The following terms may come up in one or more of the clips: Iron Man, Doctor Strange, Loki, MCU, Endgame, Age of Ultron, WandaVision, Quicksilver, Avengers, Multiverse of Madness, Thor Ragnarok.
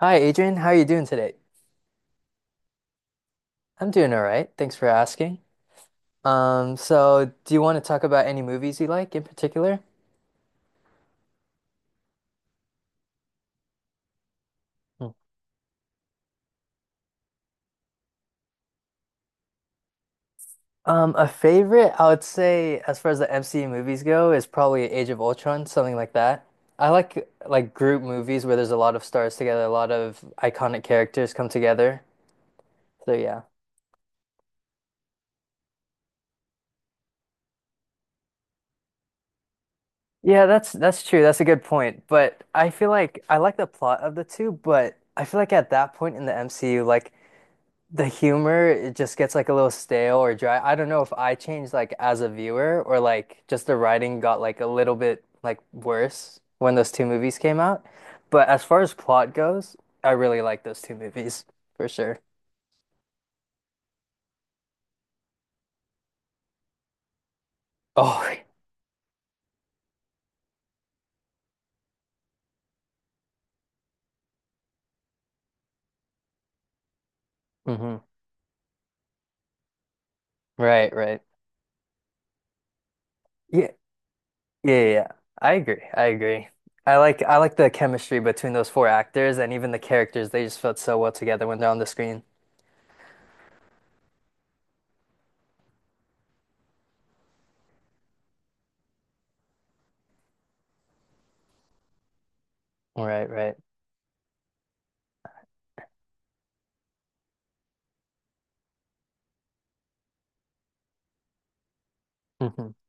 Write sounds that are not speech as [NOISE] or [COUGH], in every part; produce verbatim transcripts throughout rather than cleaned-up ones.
Hi, Adrian. How are you doing today? I'm doing all right. Thanks for asking. Um, so do you want to talk about any movies you like in particular? Hmm. Um, a favorite, I would say, as far as the M C U movies go, is probably Age of Ultron, something like that. I like like group movies where there's a lot of stars together, a lot of iconic characters come together. So yeah. Yeah, that's that's true. That's a good point. But I feel like I like the plot of the two, but I feel like at that point in the M C U, like the humor it just gets like a little stale or dry. I don't know if I changed like as a viewer or like just the writing got like a little bit like worse when those two movies came out. But as far as plot goes, I really like those two movies for sure. Oh. [LAUGHS] Hmm. Right, right. Yeah, yeah, yeah, yeah. I agree. I agree. I like I like the chemistry between those four actors and even the characters. They just felt so well together when they're on the screen. Right, right. [LAUGHS]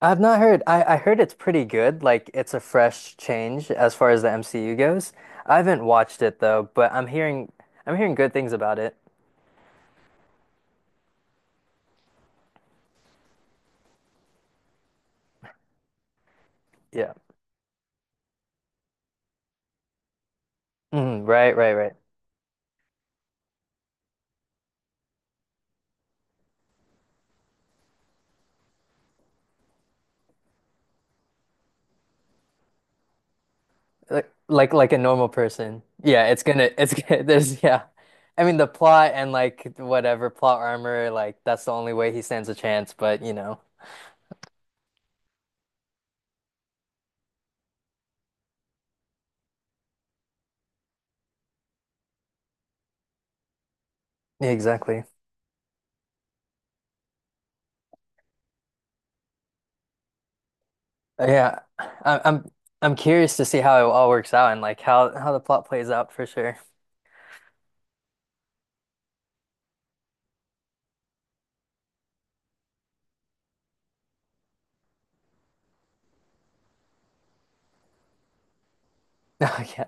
I've not heard. I, I heard it's pretty good. Like it's a fresh change as far as the M C U goes. I haven't watched it though, but I'm hearing I'm hearing good things about it. Yeah. Mhm, right, right, right. Like like like a normal person. Yeah, it's gonna it's gonna [LAUGHS] there's yeah. I mean the plot and like whatever plot armor, like that's the only way he stands a chance, but you know. Yeah, exactly. Uh, Yeah. I, I'm I'm curious to see how it all works out and like how how the plot plays out for sure. [LAUGHS] Yeah.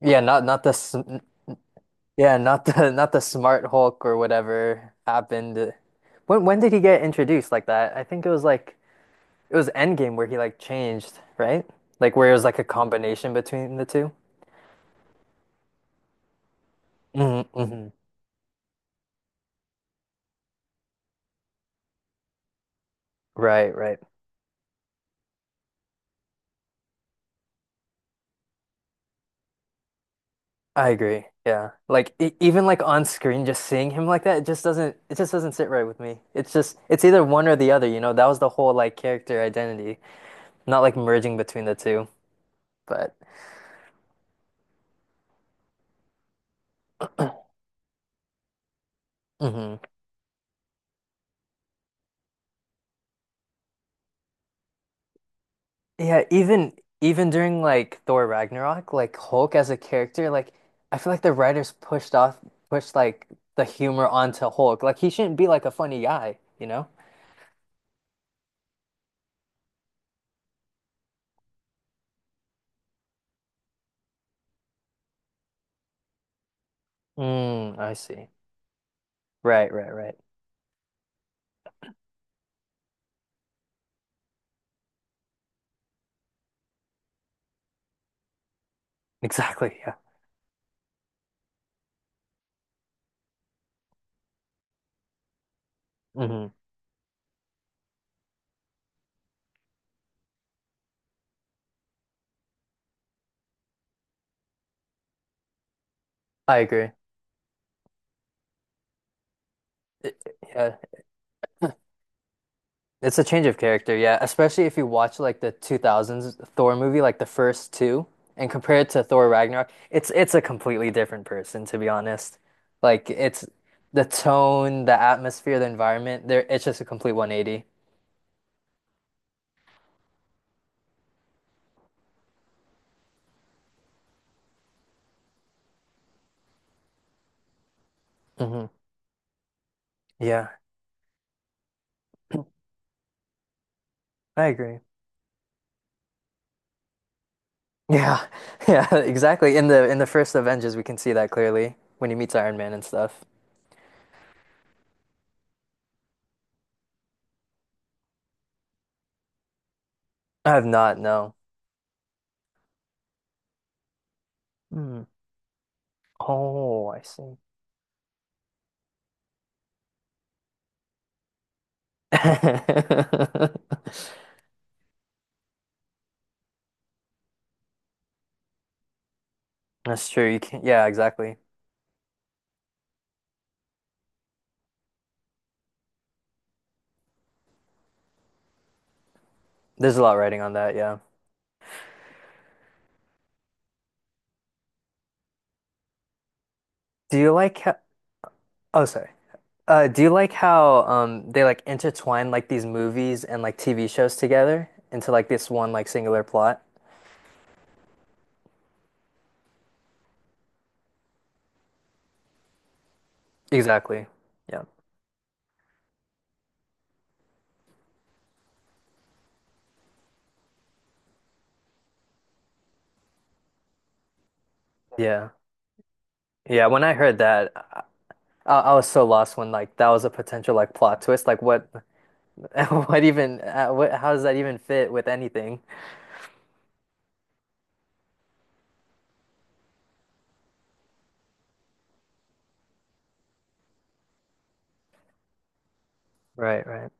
Yeah, not not this. Yeah, not the [LAUGHS] not the Smart Hulk or whatever happened. When when did he get introduced like that? I think it was like it was Endgame where he like changed, right? Like where it was like a combination between the two. Hmm. Hmm. Right, right. I agree. Yeah. Like e even like on screen just seeing him like that, it just doesn't it just doesn't sit right with me. It's just it's either one or the other, you know? That was the whole like character identity, not like merging between the two. But mhm. Yeah, even even during like Thor Ragnarok, like Hulk as a character, like I feel like the writers pushed off pushed like the humor onto Hulk. Like he shouldn't be like a funny guy, you know? Mm, I see. Right, right, right. Exactly. Yeah. hmm I agree. Yeah. It's a change of character, yeah. Especially if you watch like the two thousands Thor movie, like the first two, and compare it to Thor Ragnarok, it's it's a completely different person, to be honest. Like it's the tone, the atmosphere, the environment, there it's just a complete one eighty. Hmm. Yeah, I agree. Yeah. [LAUGHS] Yeah, exactly. In the in the first Avengers, we can see that clearly when he meets Iron Man and stuff. I have not, no. Hmm. Oh, I see. [LAUGHS] That's true. You can, yeah, exactly. There's a lot writing on that, yeah. Do you like how, oh, sorry. Uh, do you like how um they like intertwine like these movies and like T V shows together into like this one like singular plot? Exactly. Yeah. Yeah. Yeah, when I heard that, I, I was so lost when like that was a potential like plot twist. Like what [LAUGHS] what even uh, what how does that even fit with anything? Right, right.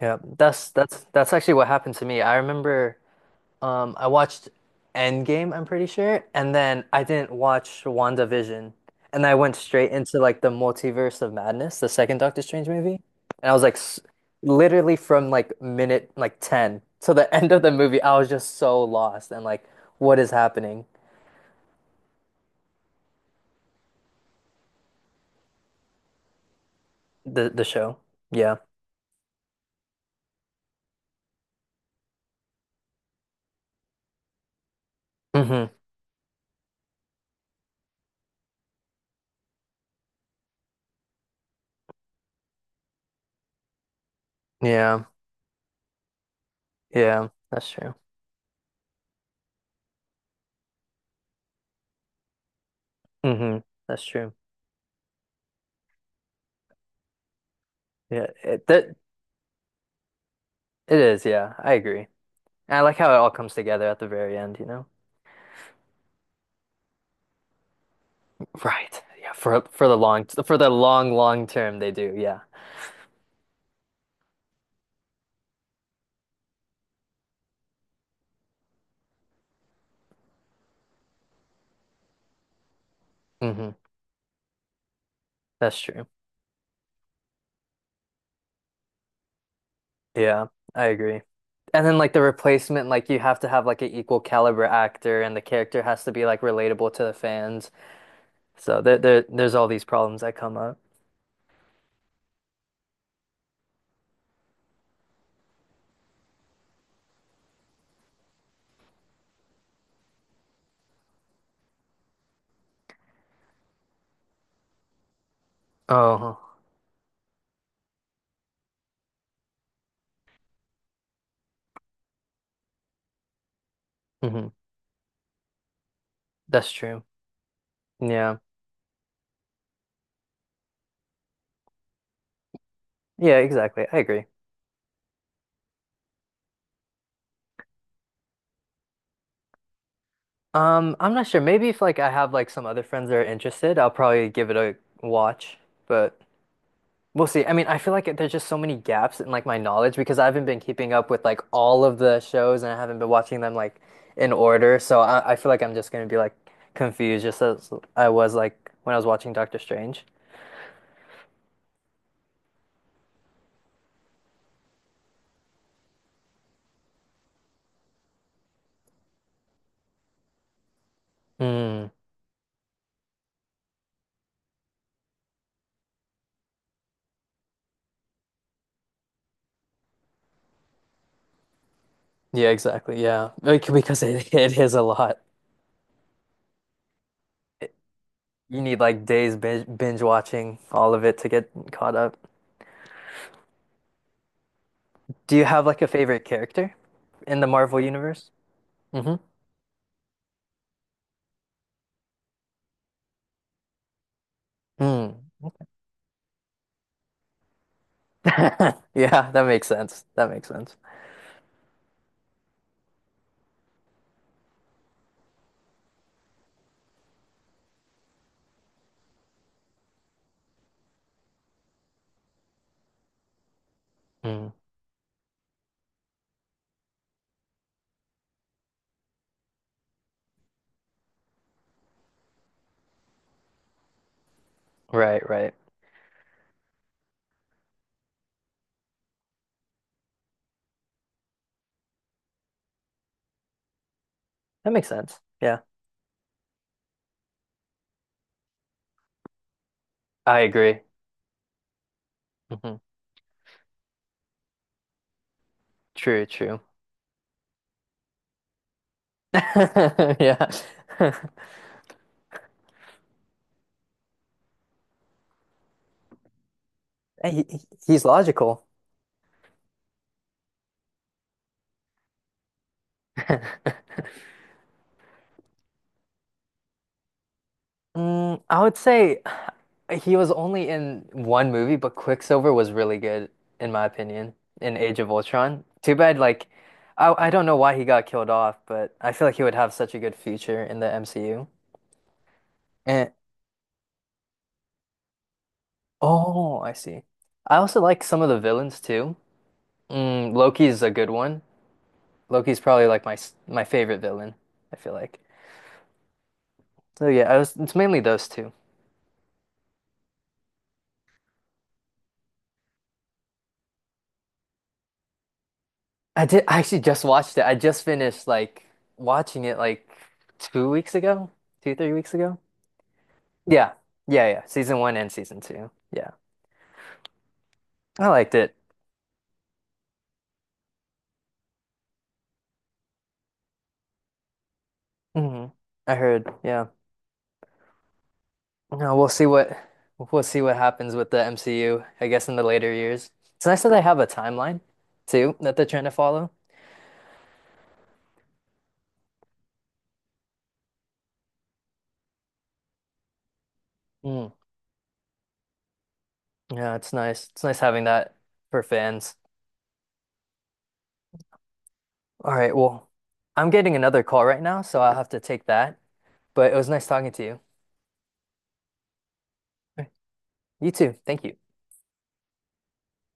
Yeah. That's that's that's actually what happened to me. I remember. Um, I watched Endgame, I'm pretty sure, and then I didn't watch WandaVision. And I went straight into like the Multiverse of Madness, the second Doctor Strange movie. And I was like s literally from like minute like ten to the [LAUGHS] end of the movie, I was just so lost and like what is happening? The the show. Yeah. Hmm. Yeah. Yeah, that's true. Hmm. That's true. Yeah, it that it is, yeah. I agree. And I like how it all comes together at the very end, you know? Right. Yeah, for for the long for the long long term they do. Yeah. Hmm. That's true. Yeah, I agree. And then like the replacement like you have to have like an equal caliber actor and the character has to be like relatable to the fans. So there there there's all these problems that come up. Oh. Hmm. That's true. Yeah. Yeah, exactly. I agree. Um, I'm not sure. Maybe if like I have like some other friends that are interested, I'll probably give it a watch. But we'll see. I mean, I feel like there's just so many gaps in like my knowledge because I haven't been keeping up with like all of the shows and I haven't been watching them like in order. So I, I feel like I'm just gonna be like confused just as I was like when I was watching Doctor Strange. Mm. Yeah, exactly. Yeah. Like, because it, it is a lot. It- you need like days binge, binge watching all of it to get caught up. Do you have like a favorite character in the Marvel universe? Mm-hmm. Mm. [LAUGHS] Yeah, that makes sense. That makes sense. Mm. Right, right. That makes sense. Yeah. I agree. Hmm. True, true. [LAUGHS] Yeah. [LAUGHS] He, he- he's logical. [LAUGHS] Mm, I would say he was only in one movie, but Quicksilver was really good, in my opinion, in Age of Ultron. Too bad, like, I, I don't know why he got killed off, but I feel like he would have such a good future in the M C U. And, oh, I see. I also like some of the villains too. Mm, Loki is a good one. Loki's probably like my s- my favorite villain, I feel like. So yeah, I was it's mainly those two. I did I actually just watched it. I just finished like watching it like two weeks ago, two, three weeks ago. Yeah. Yeah, yeah. Season one and season two. Yeah. I liked it. hmm I heard, yeah. No, we'll see what we'll see what happens with the M C U, I guess in the later years. It's nice that they have a timeline too that they're trying to follow. Mm. Yeah, it's nice. It's nice having that for fans. All right, well, I'm getting another call right now, so I'll have to take that. But it was nice talking to you. All right. You too. Thank you.